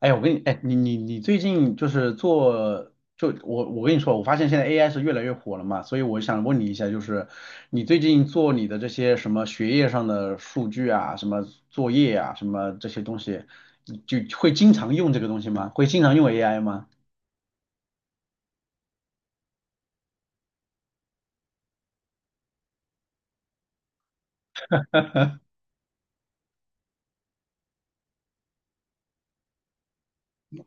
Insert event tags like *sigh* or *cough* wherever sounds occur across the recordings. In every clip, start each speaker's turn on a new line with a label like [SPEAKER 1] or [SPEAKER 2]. [SPEAKER 1] 哎，我跟你，哎，你最近就是做，就我跟你说，我发现现在 AI 是越来越火了嘛，所以我想问你一下，就是你最近做你的这些什么学业上的数据啊，什么作业啊，什么这些东西，你就会经常用这个东西吗？会经常用 AI 吗？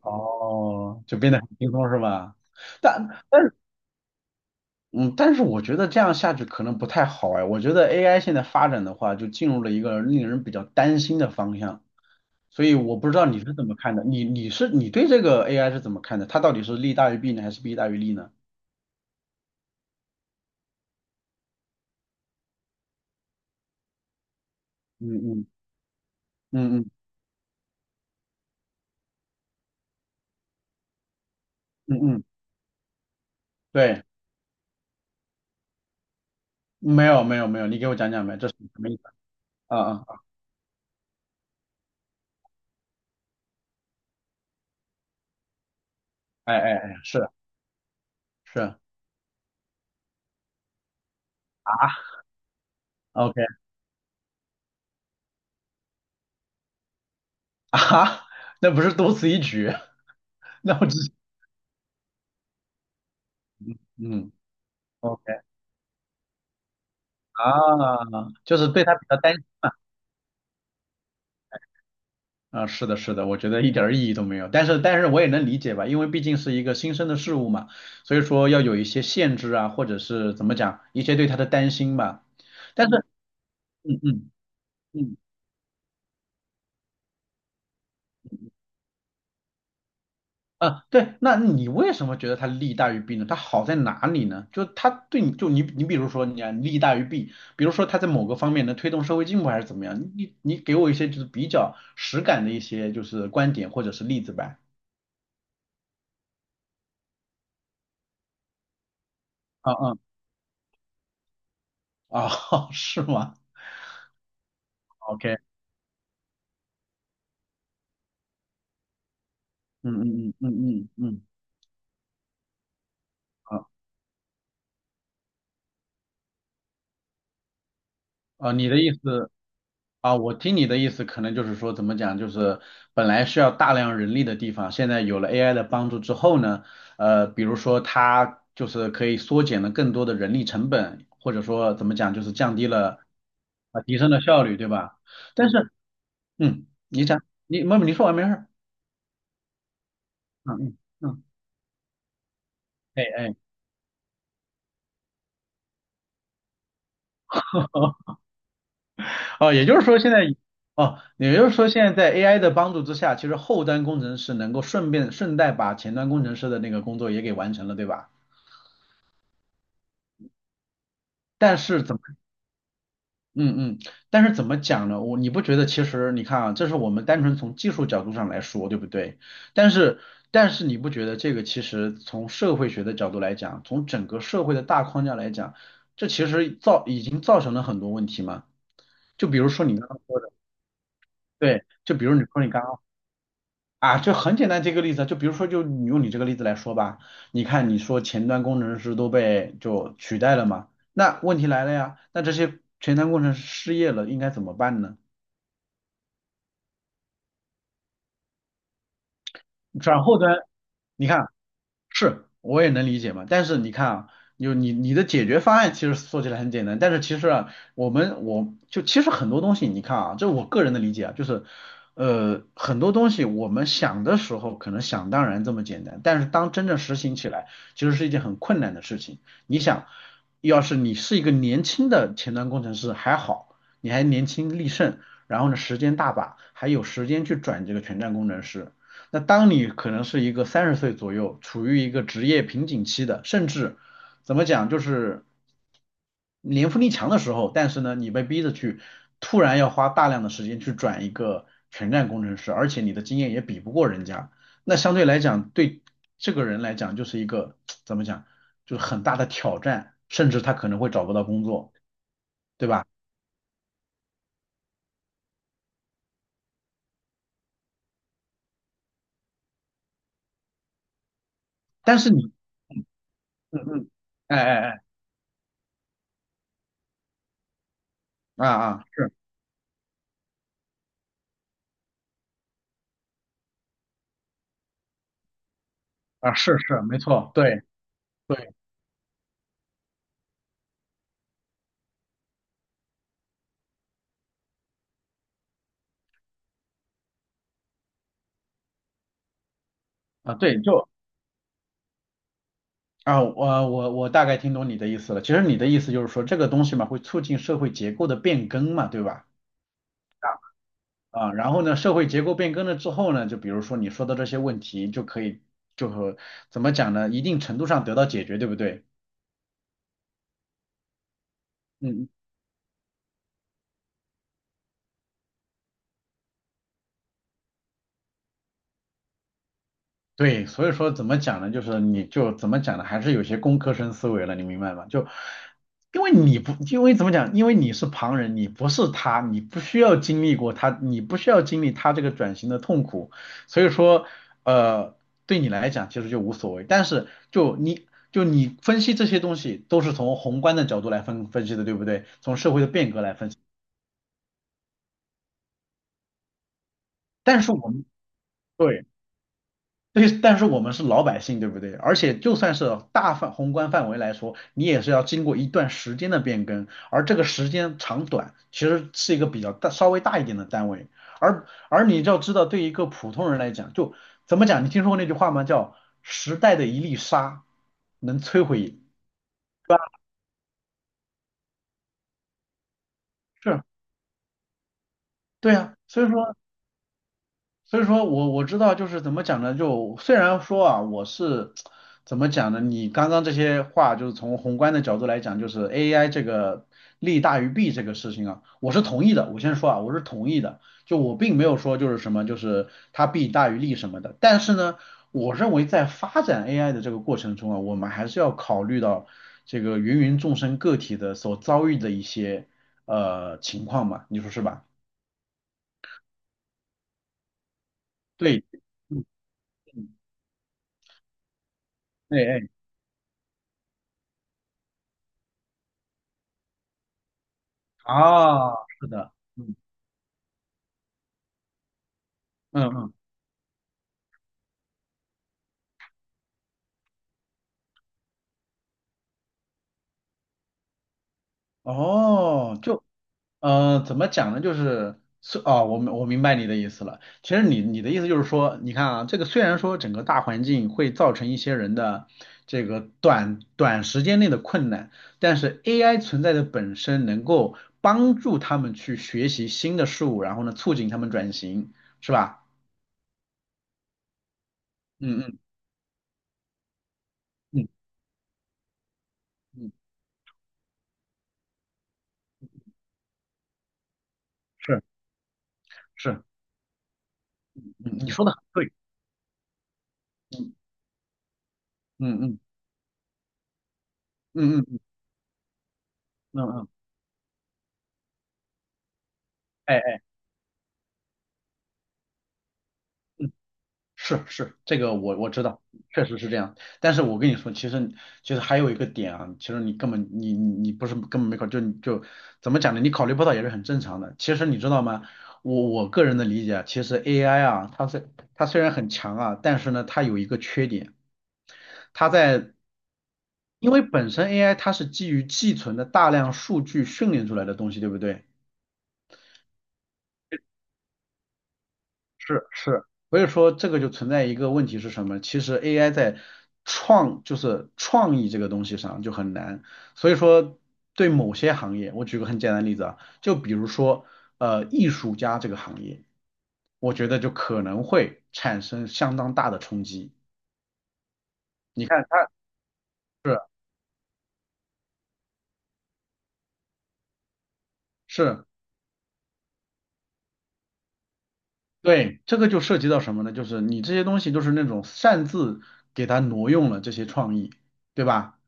[SPEAKER 1] 哦，就变得很轻松是吧？但但是嗯，但是我觉得这样下去可能不太好哎，我觉得 AI 现在发展的话，就进入了一个令人比较担心的方向。所以我不知道你是怎么看的，你对这个 AI 是怎么看的？它到底是利大于弊呢，还是弊大于利呢？嗯嗯嗯嗯嗯嗯，对，没有没有没有，你给我讲讲呗，这是什么意思？啊啊，哎哎哎，是是啊，OK 啊，*laughs* 那不是多此一举，*laughs* 那我只嗯 OK 啊，就是对他比较担。啊，是的，是的，我觉得一点儿意义都没有。但是我也能理解吧，因为毕竟是一个新生的事物嘛，所以说要有一些限制啊，或者是怎么讲，一些对他的担心吧。但是，嗯嗯嗯，啊，对，那你为什么觉得它利大于弊呢？它好在哪里呢？就它对你，就你，你比如说你啊，利大于弊，比如说它在某个方面能推动社会进步还是怎么样？你给我一些就是比较实感的一些就是观点或者是例子吧。啊啊啊，*laughs* 是吗？OK。嗯嗯嗯嗯嗯嗯，好啊，你的意思啊，我听你的意思，可能就是说怎么讲，就是本来需要大量人力的地方，现在有了 AI 的帮助之后呢，比如说它就是可以缩减了更多的人力成本，或者说怎么讲，就是降低了啊，提升了效率，对吧？但是，你讲，妹妹，你说完没事儿？嗯嗯嗯，哎哎。哦，也就是说现在，哦，也就是说现在在 AI 的帮助之下，其实后端工程师能够顺便顺带把前端工程师的那个工作也给完成了，对吧？但是怎么，嗯嗯，但是怎么讲呢？你不觉得其实你看啊，这是我们单纯从技术角度上来说，对不对？但是你不觉得这个其实从社会学的角度来讲，从整个社会的大框架来讲，这其实已经造成了很多问题吗？就比如说你刚刚说的，对，就比如你说你刚。刚。啊，就很简单，这个例子，就比如说，就你用你这个例子来说吧，你看你说前端工程师都被就取代了嘛，那问题来了呀，那这些前端工程师失业了应该怎么办呢？转后端，你看。是，我也能理解嘛。但是你看啊，你的解决方案其实说起来很简单，但是其实啊，我就其实很多东西，你看啊，这我个人的理解啊，就是很多东西我们想的时候可能想当然这么简单，但是当真正实行起来，其实是一件很困难的事情。你想，要是你是一个年轻的前端工程师还好，你还年轻力盛，然后呢时间大把，还有时间去转这个全栈工程师。那当你可能是一个三十岁左右，处于一个职业瓶颈期的，甚至怎么讲，就是年富力强的时候，但是呢，你被逼着去突然要花大量的时间去转一个全站工程师，而且你的经验也比不过人家，那相对来讲，对这个人来讲就是一个 *tsk* 怎么讲，就是很大的挑战，甚至他可能会找不到工作，对吧？但是你，嗯嗯，哎哎哎，啊啊是啊是是，没错，对对啊对，就。啊，我大概听懂你的意思了。其实你的意思就是说，这个东西嘛，会促进社会结构的变更嘛，对吧？啊，然后呢，社会结构变更了之后呢，就比如说你说的这些问题，就可以就和怎么讲呢，一定程度上得到解决，对不对？嗯，对，所以说怎么讲呢？就是你就怎么讲呢？还是有些工科生思维了，你明白吗？就因为你不，因为怎么讲？因为你是旁人，你不是他，你不需要经历过他，你不需要经历他这个转型的痛苦，所以说，呃，对你来讲其实就无所谓。但是就你分析这些东西都是从宏观的角度来分析的，对不对？从社会的变革来分析。但是我们对。对，但是我们是老百姓，对不对？而且就算是宏观范围来说，你也是要经过一段时间的变更，而这个时间长短其实是一个比较大、稍微大一点的单位。而你要知道，对一个普通人来讲，就怎么讲？你听说过那句话吗？叫"时代的一粒沙能摧毁"，对吧？是，对啊。所以说我知道就是怎么讲呢，就虽然说啊，怎么讲呢？你刚刚这些话就是从宏观的角度来讲，就是 AI 这个利大于弊这个事情啊，我是同意的。我先说啊，我是同意的，就我并没有说就是什么就是它弊大于利什么的。但是呢，我认为在发展 AI 的这个过程中啊，我们还是要考虑到这个芸芸众生个体的所遭遇的一些情况嘛，你说是吧？对，嗯，嗯哎哎。啊，是的，嗯嗯嗯，哦，就怎么讲呢？就是哦，我明白你的意思了。其实你你的意思就是说，你看啊，这个虽然说整个大环境会造成一些人的这个短短时间内的困难，但是 AI 存在的本身能够帮助他们去学习新的事物，然后呢，促进他们转型，是吧？嗯嗯嗯嗯，嗯是是，嗯，你说的很对，嗯嗯嗯嗯嗯嗯嗯，嗯哎哎。嗯是是，这个我知道，确实是这样。但是我跟你说，其实还有一个点啊，其实你根本你不是根本没考，就就怎么讲呢？你考虑不到也是很正常的。其实你知道吗？我个人的理解啊，其实 AI 啊，它虽然很强啊，但是呢，它有一个缺点，它在因为本身 AI 它是基于寄存的大量数据训练出来的东西，对不对？是是，所以说这个就存在一个问题是什么？其实 AI 在就是创意这个东西上就很难，所以说对某些行业，我举个很简单的例子啊，就比如说艺术家这个行业，我觉得就可能会产生相当大的冲击。你看它是是对，这个就涉及到什么呢？就是你这些东西都是那种擅自给它挪用了这些创意，对吧？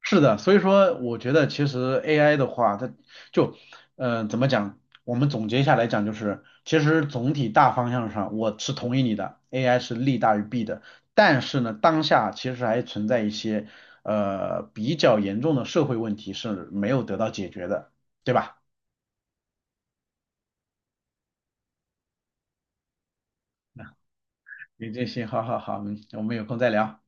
[SPEAKER 1] 是的，所以说我觉得其实 AI 的话，它就，怎么讲？我们总结下来讲就是，其实总体大方向上我是同意你的，AI 是利大于弊的。但是呢，当下其实还存在一些比较严重的社会问题是没有得到解决的，对吧？你这些，好好好，我们有空再聊。